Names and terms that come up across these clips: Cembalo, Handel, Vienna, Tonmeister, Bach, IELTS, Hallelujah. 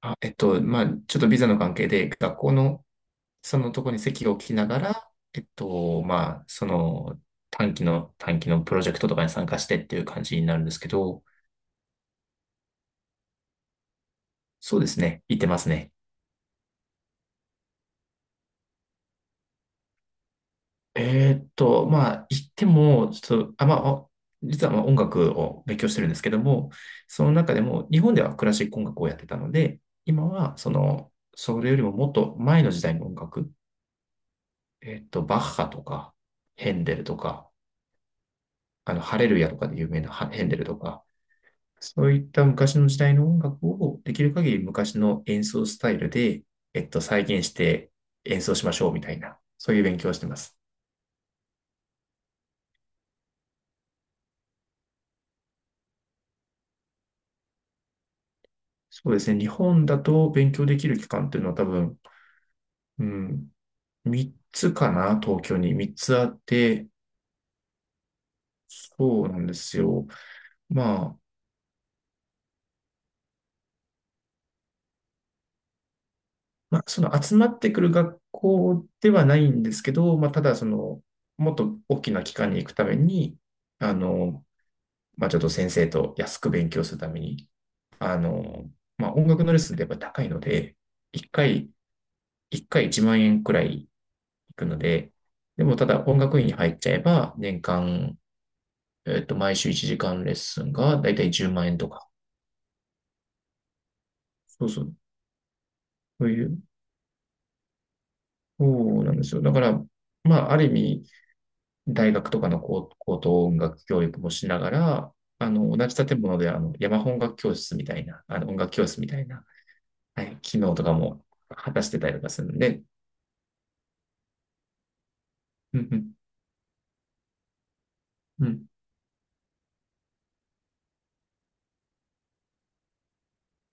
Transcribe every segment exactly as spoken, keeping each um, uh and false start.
あ、えっと、まあ、ちょっとビザの関係で、学校のそのとこに席を置きながら、えっと、まあ、その短期の、短期のプロジェクトとかに参加してっていう感じになるんですけど。そうですね、行ってますね。えーっと、まあ、行っても、ちょっと、あ、まあ、お実はまあ音楽を勉強してるんですけども、その中でも、日本ではクラシック音楽をやってたので、今は、その、それよりももっと前の時代の音楽、えーっと、バッハとか、ヘンデルとか、あの、ハレルヤとかで有名なヘンデルとか、そういった昔の時代の音楽をできる限り昔の演奏スタイルで、えっと、再現して演奏しましょうみたいな、そういう勉強をしてます。そうですね。日本だと勉強できる期間っていうのは多分、うん、みっつかな、東京にみっつあって、そうなんですよ。まあ、まあ、その集まってくる学校ではないんですけど、まあ、ただその、もっと大きな機関に行くために、あの、まあ、ちょっと先生と安く勉強するために、あの、まあ、音楽のレッスンってやっぱ高いので、1回、いっかいいちまん円くらいいくので、でもただ音楽院に入っちゃえば、年間、えっと、毎週いちじかんレッスンがだいたいじゅうまん円とか。そうそう。そういう、そうなんですよ。だから、まあ、ある意味、大学とかの高高等音楽教育もしながら、あの、同じ建物で、あの、山本音楽教室みたいな、あの、音楽教室みたいな、はい、機能とかも果たしてたりとかするんで、うんうんうん。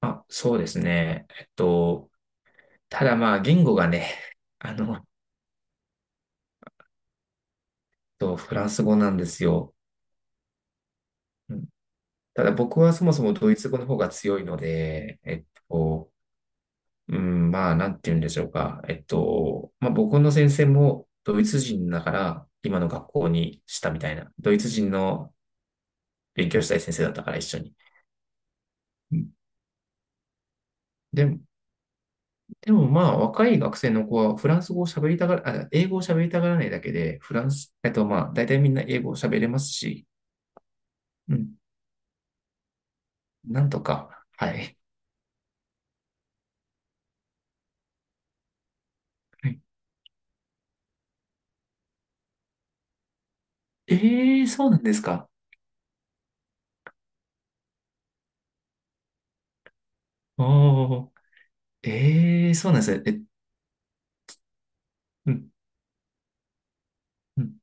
あ、そうですね。えっと、ただまあ、言語がね、あの、えっとフランス語なんですよ。うん。ただ僕はそもそもドイツ語の方が強いので、えっと、うん、まあ、なんて言うんでしょうか。えっと、まあ、僕の先生もドイツ人だから、今の学校にしたみたいな。ドイツ人の勉強したい先生だったから一緒に。うんで、でもまあ、若い学生の子はフランス語を喋りたがら、あ、英語を喋りたがらないだけで、フランス、えっとまあ、大体みんな英語を喋れますし、うん、なんとか、はい。はい。ええー、そうなんですか？ああ、ええー、そうなんですね。え、うん、うん。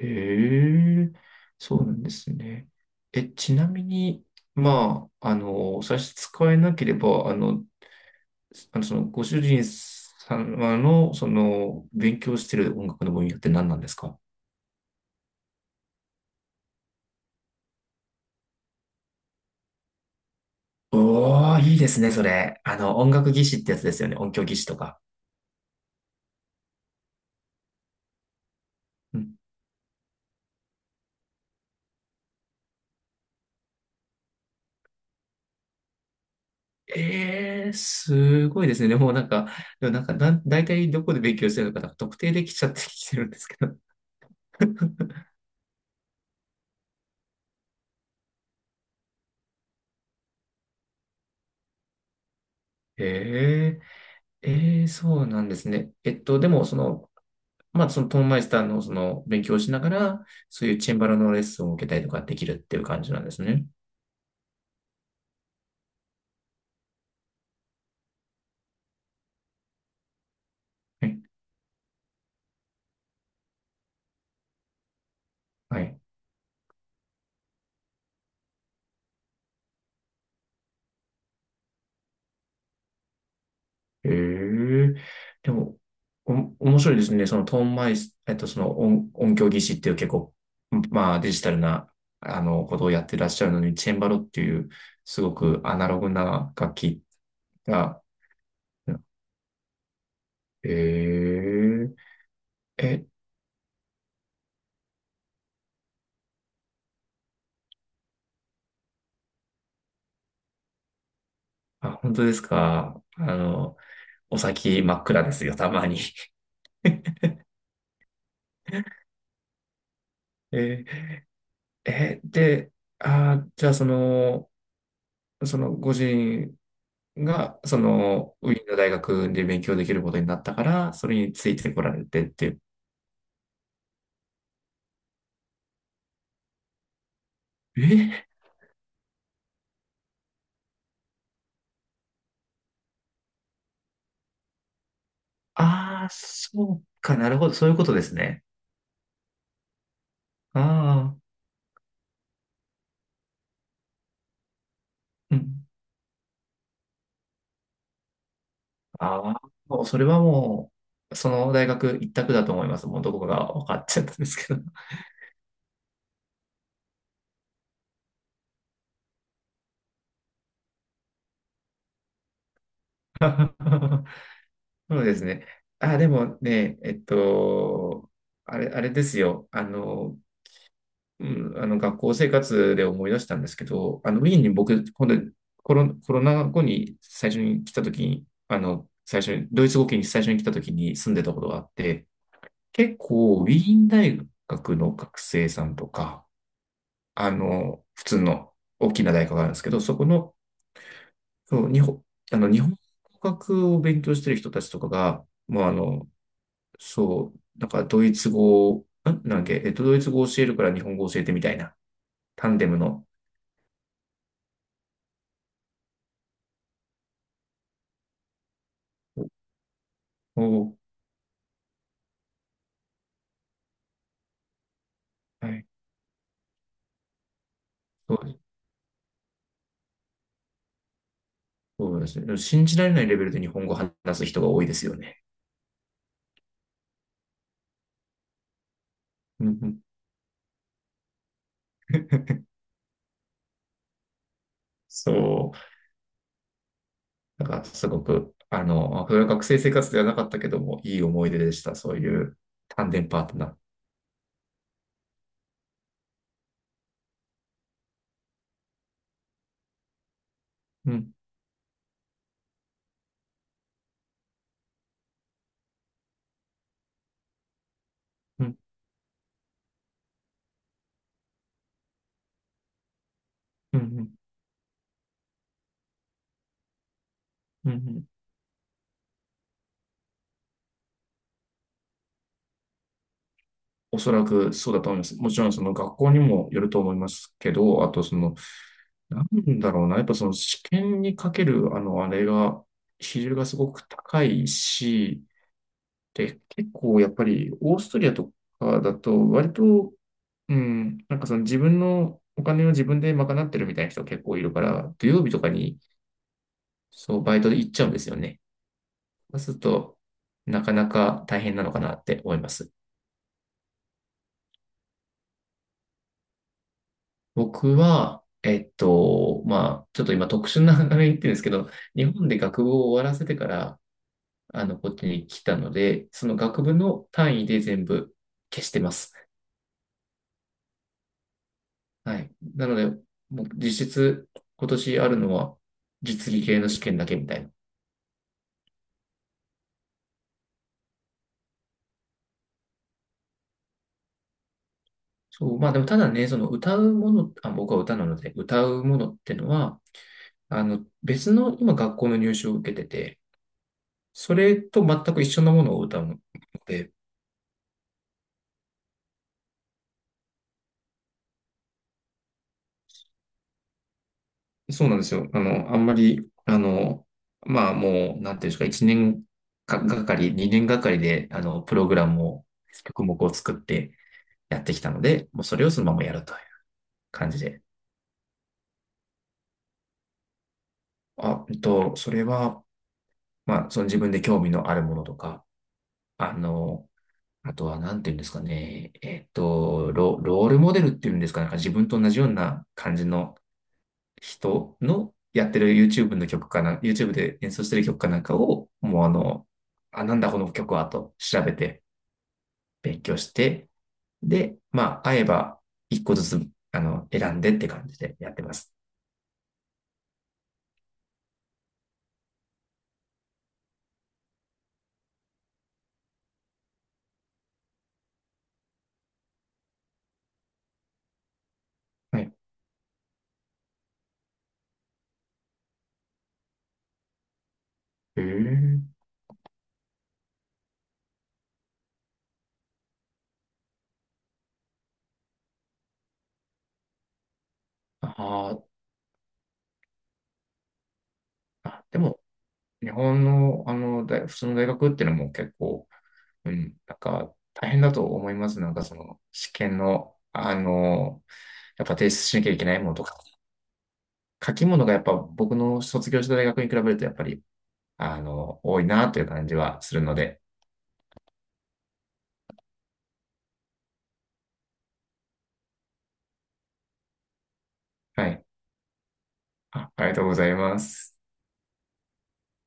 ええ、そうなんですね。え、ちなみに、まあ、あの、差し支えなければ、あの、あの、その、ご主人様の、その、勉強してる音楽の分野って何なんですか？おー、いいですね、それ。あの、音楽技師ってやつですよね。音響技師とか。うん、えー、すごいですね。でもなんか、でもなんか、だ、大体どこで勉強してるのか、なんか特定できちゃってきてるんですけど。えー、えー、そうなんですね。えっと、でも、その、まあ、そのトーンマイスターのその勉強をしながら、そういうチェンバロのレッスンを受けたりとかできるっていう感じなんですね。はい。はい。ええ、でも、お、面白いですね。そのトーンマイス、えっと、その音、音響技師っていう結構、まあ、デジタルな、あの、ことをやってらっしゃるのに、チェンバロっていう、すごくアナログな楽器が、ええ、え、あ、本当ですか？あの、お先真っ暗ですよ、たまに。えー、えで、あー、じゃあその、そのご主人が、その、ウィーンの大学で勉強できることになったから、それについてこられてっていう。えああー、そうか、なるほど、そういうことですね。ああ、うん。ああ、もうそれはもう、その大学一択だと思います。もうどこが分かっちゃったんですけど。そうですね。あ、でもね、えっと、あれ、あれですよ。あの、うん、あの学校生活で思い出したんですけど、あのウィーンに僕、ほんでコロ、コロナ後に最初に来た時に、あの、最初に、ドイツ語圏に最初に来た時に住んでたことがあって、結構ウィーン大学の学生さんとか、あの、普通の大きな大学があるんですけど、そこの、そう日本、あの、日本語学を勉強してる人たちとかが、もうあの、そう、なんかドイツ語を、んなんだっけ、えっと、ドイツ語を教えるから日本語を教えてみたいな、タンデムの、おー、はい。そうです。そうですね。でも信じられないレベルで日本語を話す人が多いですよね。うんうん。そう。なんかすごく、あの、それは学生生活ではなかったけども、いい思い出でした。そういう単電パートナー。うん、うん、うん、うん、うん。おそらくそうだと思います。もちろんその学校にもよると思いますけど、あとその、なんだろうな、やっぱその試験にかける、あの、あれが、比重がすごく高いし、で、結構やっぱりオーストリアとかだと割と、うん、なんかその自分のお金を自分で賄ってるみたいな人結構いるから、土曜日とかにそうバイトで行っちゃうんですよね。そうすると、なかなか大変なのかなって思います。僕は、えっと、まあ、ちょっと今特殊な流れに言ってるんですけど、日本で学部を終わらせてから、あの、こっちに来たので、その学部の単位で全部消してます。はい。なので、もう実質今年あるのは実技系の試験だけみたいな。そう、まあでもただね、その歌うもの、あ、僕は歌なので、歌うものってのは、あの、別の今学校の入試を受けてて、それと全く一緒のものを歌うので、そうなんですよ。あの、あんまり、あの、まあもう、なんていうんですか、1年か、がかり、にねんがかりで、あの、プログラムを、曲目を作ってやってきたので、もうそれをそのままやるという感じで。あ、えっと、それは、まあ、その自分で興味のあるものとか、あの、あとは、なんていうんですかね、えっと、ロ、ロールモデルっていうんですかね、なんか自分と同じような感じの人のやってる YouTube の曲かな、YouTube で演奏してる曲かなんかを、もうあの、あ、なんだこの曲はと調べて勉強して、で、まあ、会えばいっこずつ、あの、選んでって感じでやってます。はい。へえ。あーあ、でも、日本の、あの、大普通の大学っていうのも結構、うん、なんか大変だと思います。なんかその試験の、あの、やっぱ提出しなきゃいけないものとか、書き物がやっぱ僕の卒業した大学に比べるとやっぱり、あの、多いなという感じはするので、はい。あ、ありがとうございます。